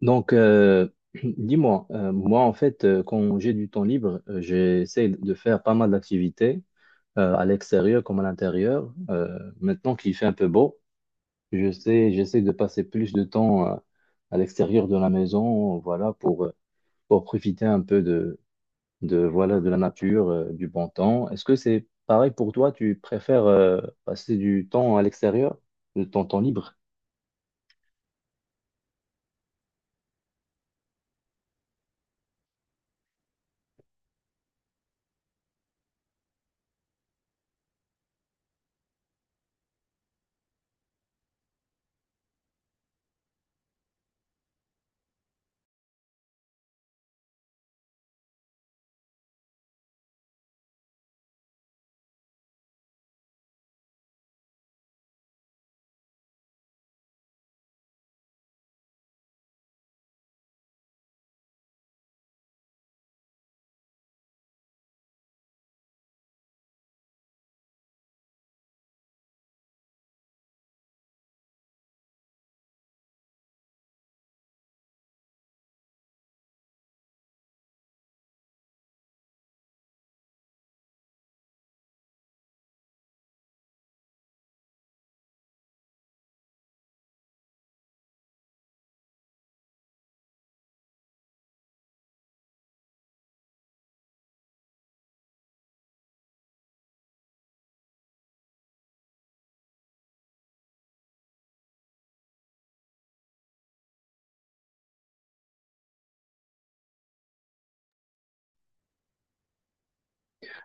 Donc, euh, dis-moi, moi en fait, quand j'ai du temps libre, j'essaie de faire pas mal d'activités à l'extérieur comme à l'intérieur. Maintenant qu'il fait un peu beau, je sais, j'essaie de passer plus de temps à l'extérieur de la maison, voilà, pour profiter un peu de, voilà, de la nature, du bon temps. Est-ce que c'est pareil pour toi? Tu préfères passer du temps à l'extérieur, de ton temps libre?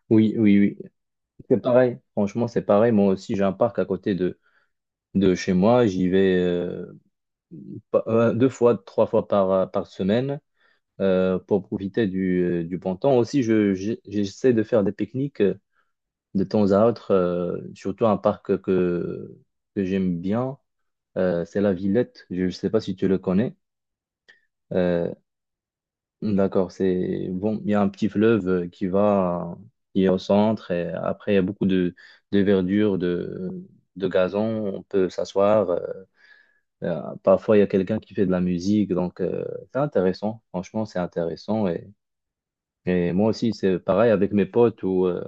Oui, oui, oui. C'est pareil. Franchement, c'est pareil. Moi aussi, j'ai un parc à côté de chez moi. J'y vais deux fois, trois fois par par semaine pour profiter du du bon temps. Aussi, j'essaie de faire des pique-niques de temps à autre, surtout un parc que j'aime bien. C'est la Villette. Je ne sais pas si tu le connais. Euh, d'accord, c'est bon. Il y a un petit fleuve qui est au centre et après il y a beaucoup de verdure, de gazon. On peut s'asseoir. Parfois, il y a quelqu'un qui fait de la musique, donc c'est intéressant. Franchement, c'est intéressant. Et moi aussi, c'est pareil avec mes potes ou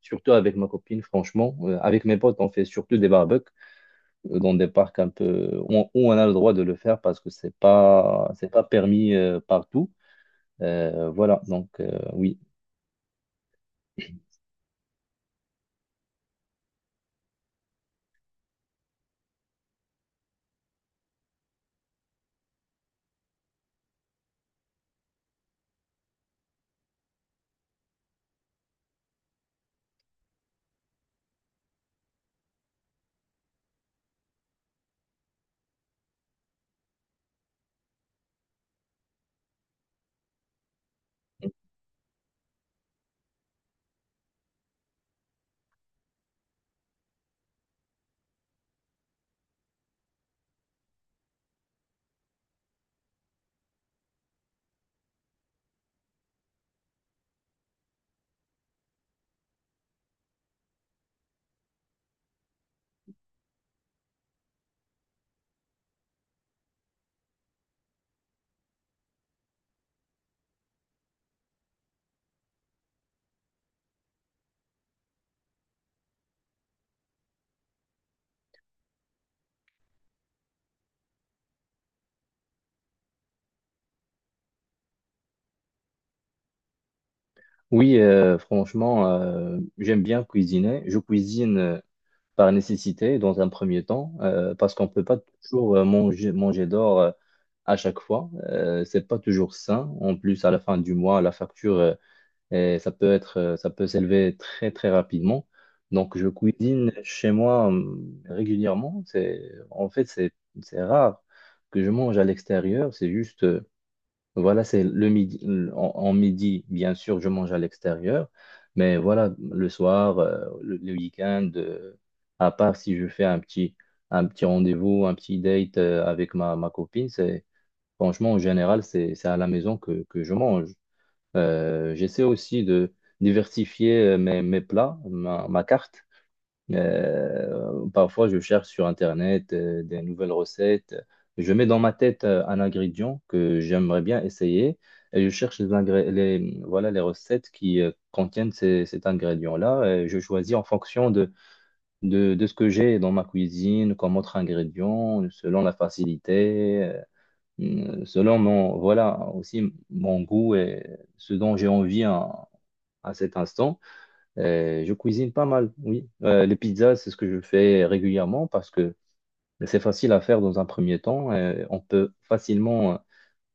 surtout avec ma copine, franchement. Avec mes potes, on fait surtout des barbecues dans des parcs un peu où où on a le droit de le faire parce que c'est pas permis partout. Oui. Oui, franchement, j'aime bien cuisiner. Je cuisine par nécessité dans un premier temps, parce qu'on ne peut pas toujours manger d'or à chaque fois. C'est pas toujours sain. En plus, à la fin du mois, la facture, et ça peut ça peut s'élever très très rapidement. Donc, je cuisine chez moi régulièrement. En fait, c'est rare que je mange à l'extérieur. C'est le midi. En, en midi, bien sûr, je mange à l'extérieur, mais voilà, le soir, le week-end, à part si je fais un petit rendez-vous, un petit date avec ma copine, c'est franchement, en général, c'est à la maison que je mange. J'essaie aussi de diversifier mes plats, ma carte. Parfois, je cherche sur Internet des nouvelles recettes. Je mets dans ma tête un ingrédient que j'aimerais bien essayer et je cherche voilà, les recettes qui contiennent cet ingrédient-là. Et je choisis en fonction de ce que j'ai dans ma cuisine comme autre ingrédient, selon la facilité, selon mon, voilà, aussi mon goût et ce dont j'ai envie à cet instant. Je cuisine pas mal, oui. Les pizzas, c'est ce que je fais régulièrement parce que c'est facile à faire dans un premier temps. On peut facilement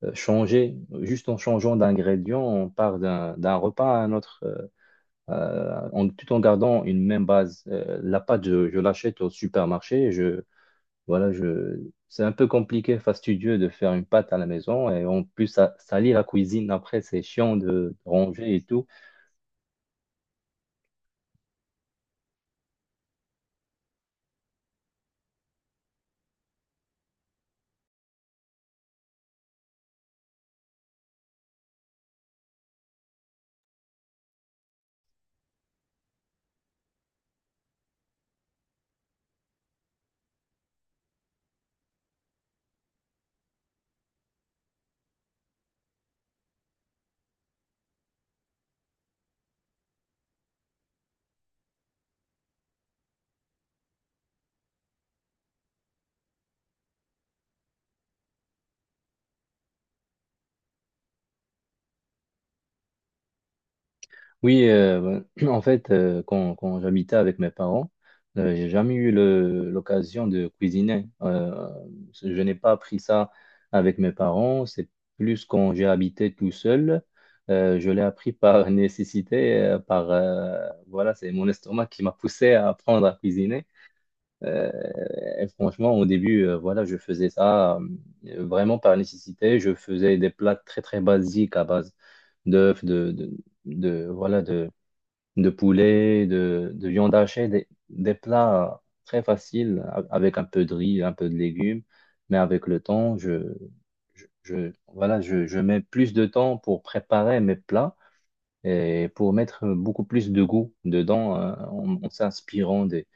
changer juste en changeant d'ingrédients, on part d'un repas à un autre, tout en gardant une même base. La pâte, je l'achète au supermarché. Voilà, je, c'est un peu compliqué, fastidieux de faire une pâte à la maison et en plus, ça salir la cuisine après, c'est chiant de ranger et tout. Oui, en fait, quand j'habitais avec mes parents, j'ai jamais eu l'occasion de cuisiner. Je n'ai pas appris ça avec mes parents. C'est plus quand j'ai habité tout seul. Je l'ai appris par nécessité, c'est mon estomac qui m'a poussé à apprendre à cuisiner. Euh, et franchement, au début, je faisais ça vraiment par nécessité. Je faisais des plats très très basiques à base d'œufs, de voilà de de poulet, de viande hachée, des plats très faciles avec un peu de riz, un peu de légumes. Mais avec le temps, je mets plus de temps pour préparer mes plats et pour mettre beaucoup plus de goût dedans en s'inspirant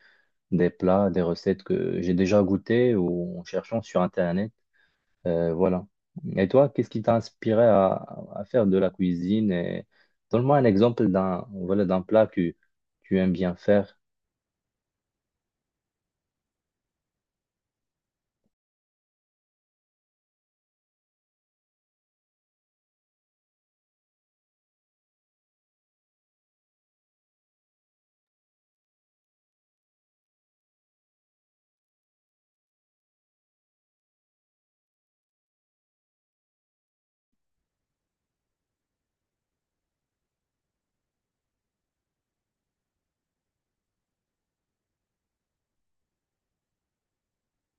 des plats, des recettes que j'ai déjà goûtées ou en cherchant sur Internet. Euh, voilà. Et toi, qu'est-ce qui t'a inspiré à faire de la cuisine et donne-moi un exemple d'un plat que tu aimes bien faire.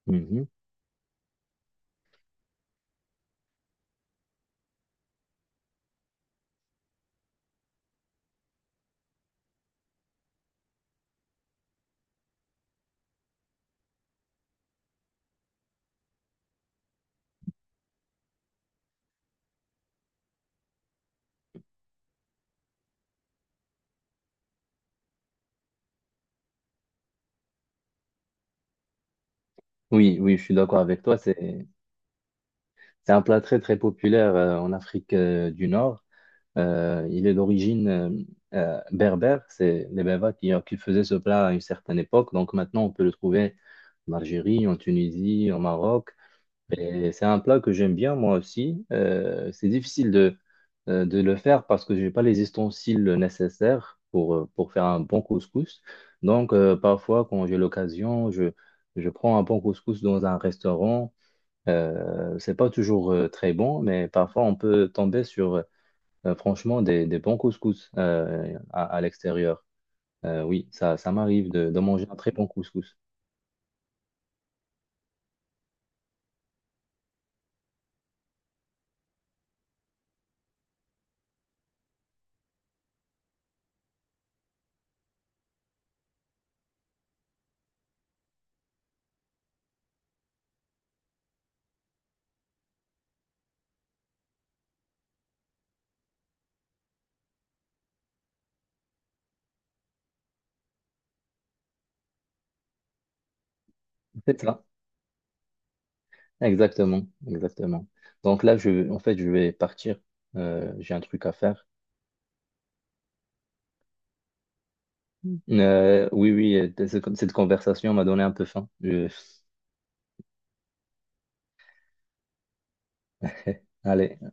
Mhm. Oui, oui, je suis d'accord avec toi. C'est un plat très, très populaire en Afrique du Nord. Il est d'origine berbère. C'est les Berbères qui qui faisaient ce plat à une certaine époque. Donc maintenant, on peut le trouver en Algérie, en Tunisie, au Maroc. Et c'est un plat que j'aime bien moi aussi. C'est difficile de le faire parce que j'ai pas les ustensiles nécessaires pour faire un bon couscous. Donc parfois quand j'ai l'occasion, je prends un bon couscous dans un restaurant. C'est pas toujours très bon, mais parfois on peut tomber sur franchement des bons couscous à l'extérieur. Oui, ça m'arrive de manger un très bon couscous. C'est ça. Exactement, exactement. Donc là en fait, je vais partir. J'ai un truc à faire. Oui, oui, cette conversation m'a donné un peu faim. Je- Allez.